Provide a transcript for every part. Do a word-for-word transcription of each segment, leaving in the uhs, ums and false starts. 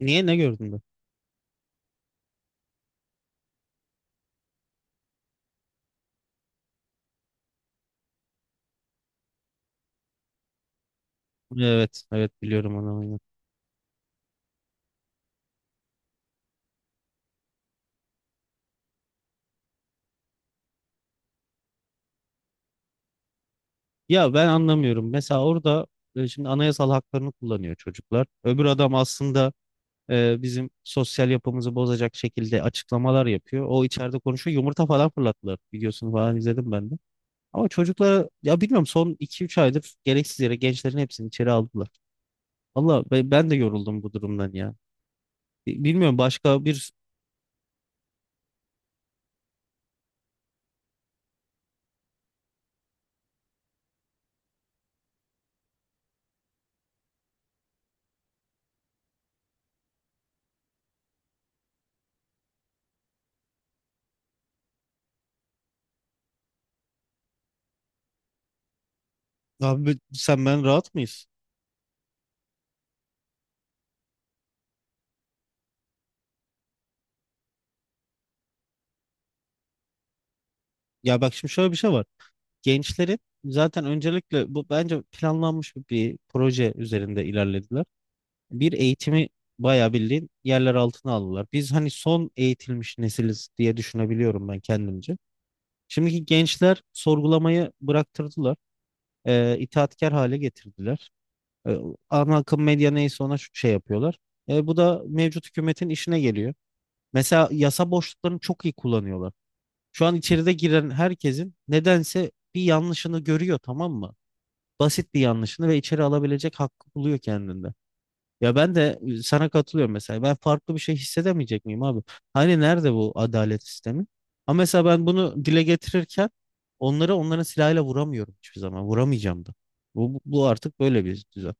Niye ne gördün de? Evet, evet, biliyorum onu aynen. Ya ben anlamıyorum. Mesela orada e, şimdi anayasal haklarını kullanıyor çocuklar. Öbür adam aslında e, bizim sosyal yapımızı bozacak şekilde açıklamalar yapıyor. O içeride konuşuyor. Yumurta falan fırlattılar. Videosunu falan izledim ben de. Ama çocuklara ya bilmiyorum, son iki üç aydır gereksiz yere gençlerin hepsini içeri aldılar. Valla ben, ben de yoruldum bu durumdan ya. Bi- Bilmiyorum, başka bir abi sen ben rahat mıyız? Ya bak, şimdi şöyle bir şey var. Gençlerin zaten öncelikle bu bence planlanmış bir bir proje üzerinde ilerlediler. Bir eğitimi bayağı bildiğin yerler altına aldılar. Biz hani son eğitilmiş nesiliz diye düşünebiliyorum ben kendimce. Şimdiki gençler sorgulamayı bıraktırdılar. E, itaatkar hale getirdiler. E, Ana akım medya neyse ona şu şey yapıyorlar. E, bu da mevcut hükümetin işine geliyor. Mesela yasa boşluklarını çok iyi kullanıyorlar. Şu an içeride giren herkesin nedense bir yanlışını görüyor, tamam mı? Basit bir yanlışını, ve içeri alabilecek hakkı buluyor kendinde. Ya ben de ıı, sana katılıyorum mesela. Ben farklı bir şey hissedemeyecek miyim abi? Hani nerede bu adalet sistemi? Ama mesela ben bunu dile getirirken onları onların silahıyla vuramıyorum hiçbir zaman. Vuramayacağım da. Bu, bu artık böyle bir düzen.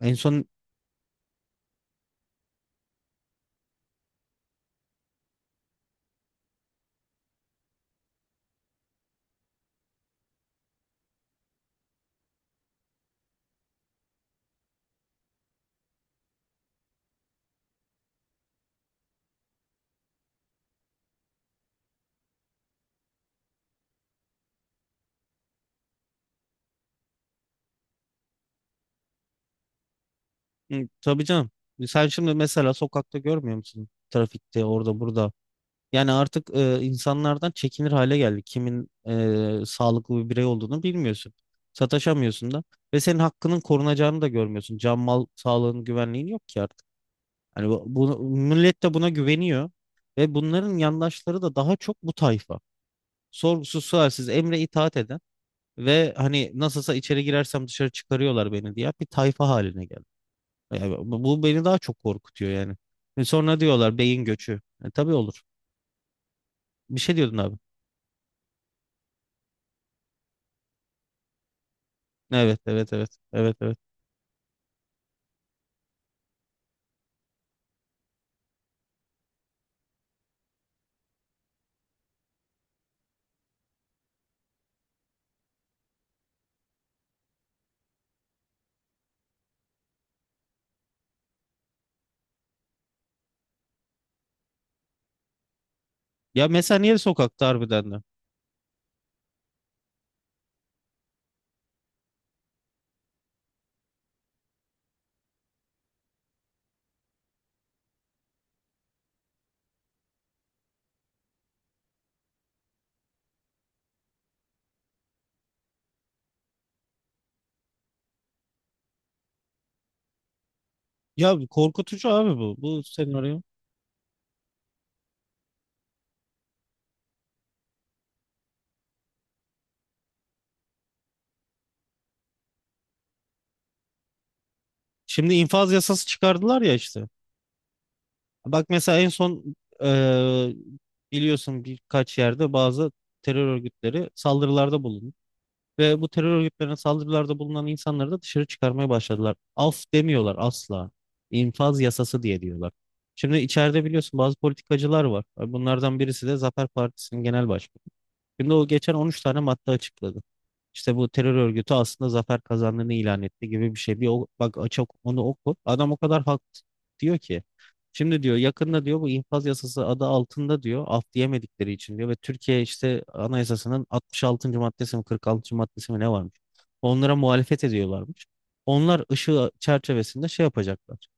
En son, hı, tabii canım. Sen şimdi mesela sokakta görmüyor musun? Trafikte, orada, burada. Yani artık e, insanlardan çekinir hale geldik. Kimin e, sağlıklı bir birey olduğunu bilmiyorsun. Sataşamıyorsun da. Ve senin hakkının korunacağını da görmüyorsun. Can mal sağlığın güvenliğin yok ki artık. Hani bu, bu- millet de buna güveniyor. Ve bunların yandaşları da daha çok bu tayfa. Sorgusuz sualsiz emre itaat eden ve hani nasılsa içeri girersem dışarı çıkarıyorlar beni diye bir tayfa haline geldi. Yani bu bu beni daha çok korkutuyor yani. Ve sonra diyorlar beyin göçü. E, tabii olur. Bir şey diyordun abi. Evet, evet, evet. Evet, evet. Ya mesela niye sokakta harbiden de? Ya korkutucu abi bu. Bu senaryo. Şimdi infaz yasası çıkardılar ya işte. Bak mesela en son, eee, biliyorsun birkaç yerde bazı terör örgütleri saldırılarda bulundu. Ve bu terör örgütlerine saldırılarda bulunan insanları da dışarı çıkarmaya başladılar. Af demiyorlar asla. İnfaz yasası diye diyorlar. Şimdi içeride biliyorsun bazı politikacılar var. Bunlardan birisi de Zafer Partisi'nin genel başkanı. Şimdi o geçen on üç tane madde açıkladı. İşte bu terör örgütü aslında zafer kazandığını ilan etti gibi bir şey. Bir o, bak açık onu oku. Adam o kadar haklı diyor ki. Şimdi diyor yakında diyor bu infaz yasası adı altında diyor af diyemedikleri için diyor ve Türkiye işte anayasasının altmış altıncı maddesi mi kırk altıncı maddesi mi ne varmış? Onlara muhalefet ediyorlarmış. Onlar ışığı çerçevesinde şey yapacaklar.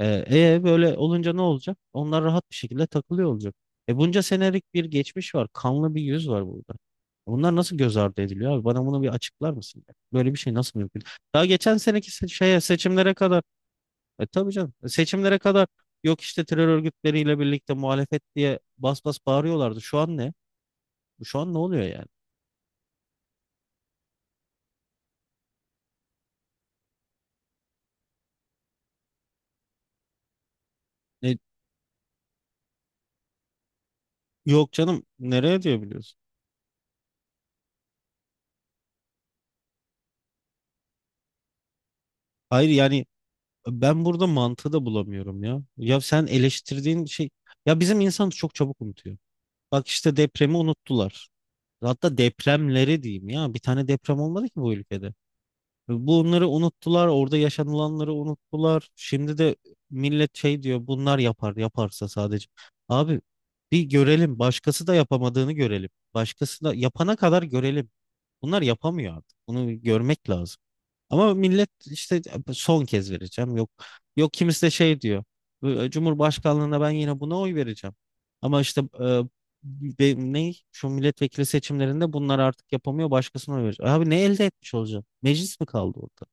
E, e böyle olunca ne olacak? Onlar rahat bir şekilde takılıyor olacak. E bunca senelik bir geçmiş var. Kanlı bir yüz var burada. Bunlar nasıl göz ardı ediliyor abi? Bana bunu bir açıklar mısın? Böyle bir şey nasıl mümkün? Daha geçen seneki se- şeye seçimlere kadar e tabii canım, e, seçimlere kadar yok işte terör örgütleriyle birlikte muhalefet diye bas bas bağırıyorlardı. Şu an ne? Şu an ne oluyor yani? E, yok canım nereye diyor biliyorsun? Hayır yani ben burada mantığı da bulamıyorum ya. Ya sen eleştirdiğin şey, ya bizim insanımız çok çabuk unutuyor. Bak işte depremi unuttular. Hatta depremleri diyeyim ya. Bir tane deprem olmadı ki bu ülkede. Bunları unuttular. Orada yaşanılanları unuttular. Şimdi de millet şey diyor. Bunlar yapar yaparsa sadece. Abi bir görelim. Başkası da yapamadığını görelim. Başkası da yapana kadar görelim. Bunlar yapamıyor artık. Bunu görmek lazım. Ama millet işte son kez vereceğim. Yok, yok, kimisi de şey diyor. "E, Cumhurbaşkanlığına ben yine buna oy vereceğim. Ama işte e, be- ne şu milletvekili seçimlerinde bunlar artık yapamıyor başkasına oy verecek. Abi ne elde etmiş olacağım? Meclis mi kaldı orada?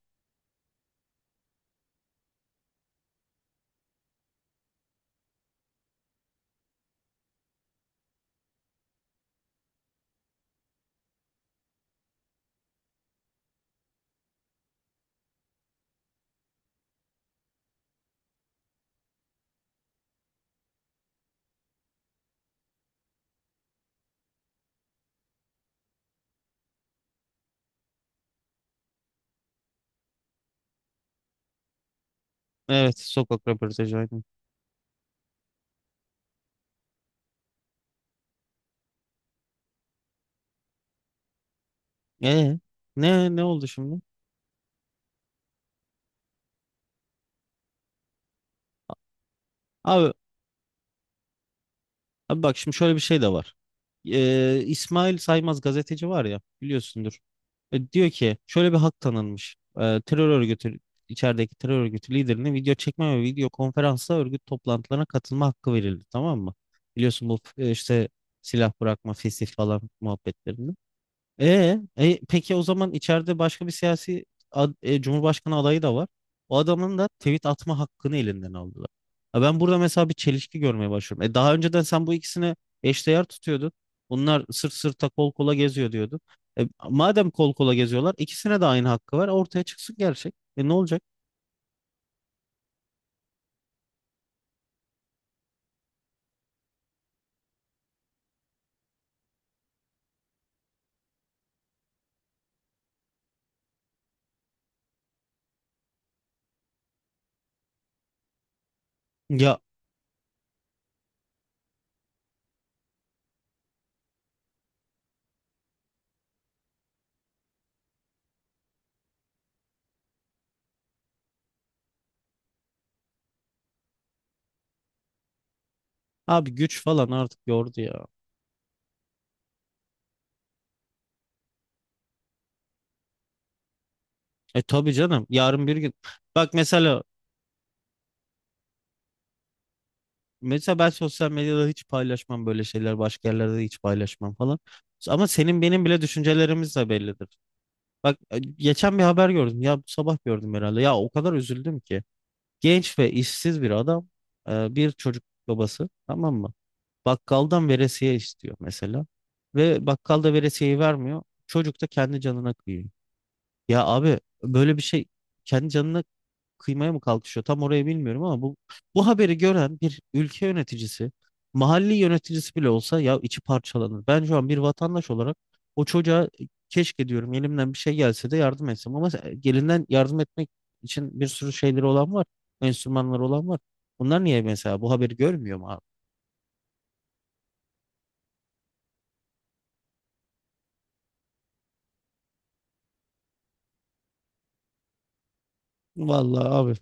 Evet sokak röportajı aynen. Ee, ne ne oldu şimdi? Abi, abi bak, şimdi şöyle bir şey de var. Ee, İsmail Saymaz gazeteci var ya biliyorsundur. E, diyor ki şöyle bir hak tanınmış. E, terör örgütü, içerideki terör örgütü liderine video çekme ve video konferansla örgüt toplantılarına katılma hakkı verildi, tamam mı? Biliyorsun bu e, işte silah bırakma, fesih falan muhabbetlerinde. E, e, peki o zaman içeride başka bir siyasi ad- e, Cumhurbaşkanı adayı da var. O adamın da tweet atma hakkını elinden aldılar. Ha, ben burada mesela bir çelişki görmeye başlıyorum. E, daha önceden sen bu ikisini eşdeğer tutuyordun. Bunlar sırt sırta kol kola geziyor diyordun. E, madem kol kola geziyorlar ikisine de aynı hakkı var. Ortaya çıksın gerçek. E, ne olacak? Ya abi güç falan artık yordu ya. E tabii canım. Yarın bir gün. Bak mesela, mesela ben sosyal medyada hiç paylaşmam böyle şeyler. Başka yerlerde de hiç paylaşmam falan. Ama senin benim bile düşüncelerimiz de bellidir. Bak e, geçen bir haber gördüm. Ya bu sabah gördüm herhalde. Ya o kadar üzüldüm ki. Genç ve işsiz bir adam, e, bir çocuk babası, tamam mı? Bakkaldan veresiye istiyor mesela. Ve bakkal da veresiyeyi vermiyor. Çocuk da kendi canına kıyıyor. Ya abi böyle bir şey, kendi canına kıymaya mı kalkışıyor? Tam orayı bilmiyorum ama bu bu haberi gören bir ülke yöneticisi, mahalli yöneticisi bile olsa ya içi parçalanır. Ben şu an bir vatandaş olarak o çocuğa "E, keşke diyorum elimden bir şey gelse de yardım etsem ama gelinden yardım etmek için bir sürü şeyleri olan var. Enstrümanları olan var. Bunlar niye mesela bu haberi görmüyor mu abi? Vallahi abi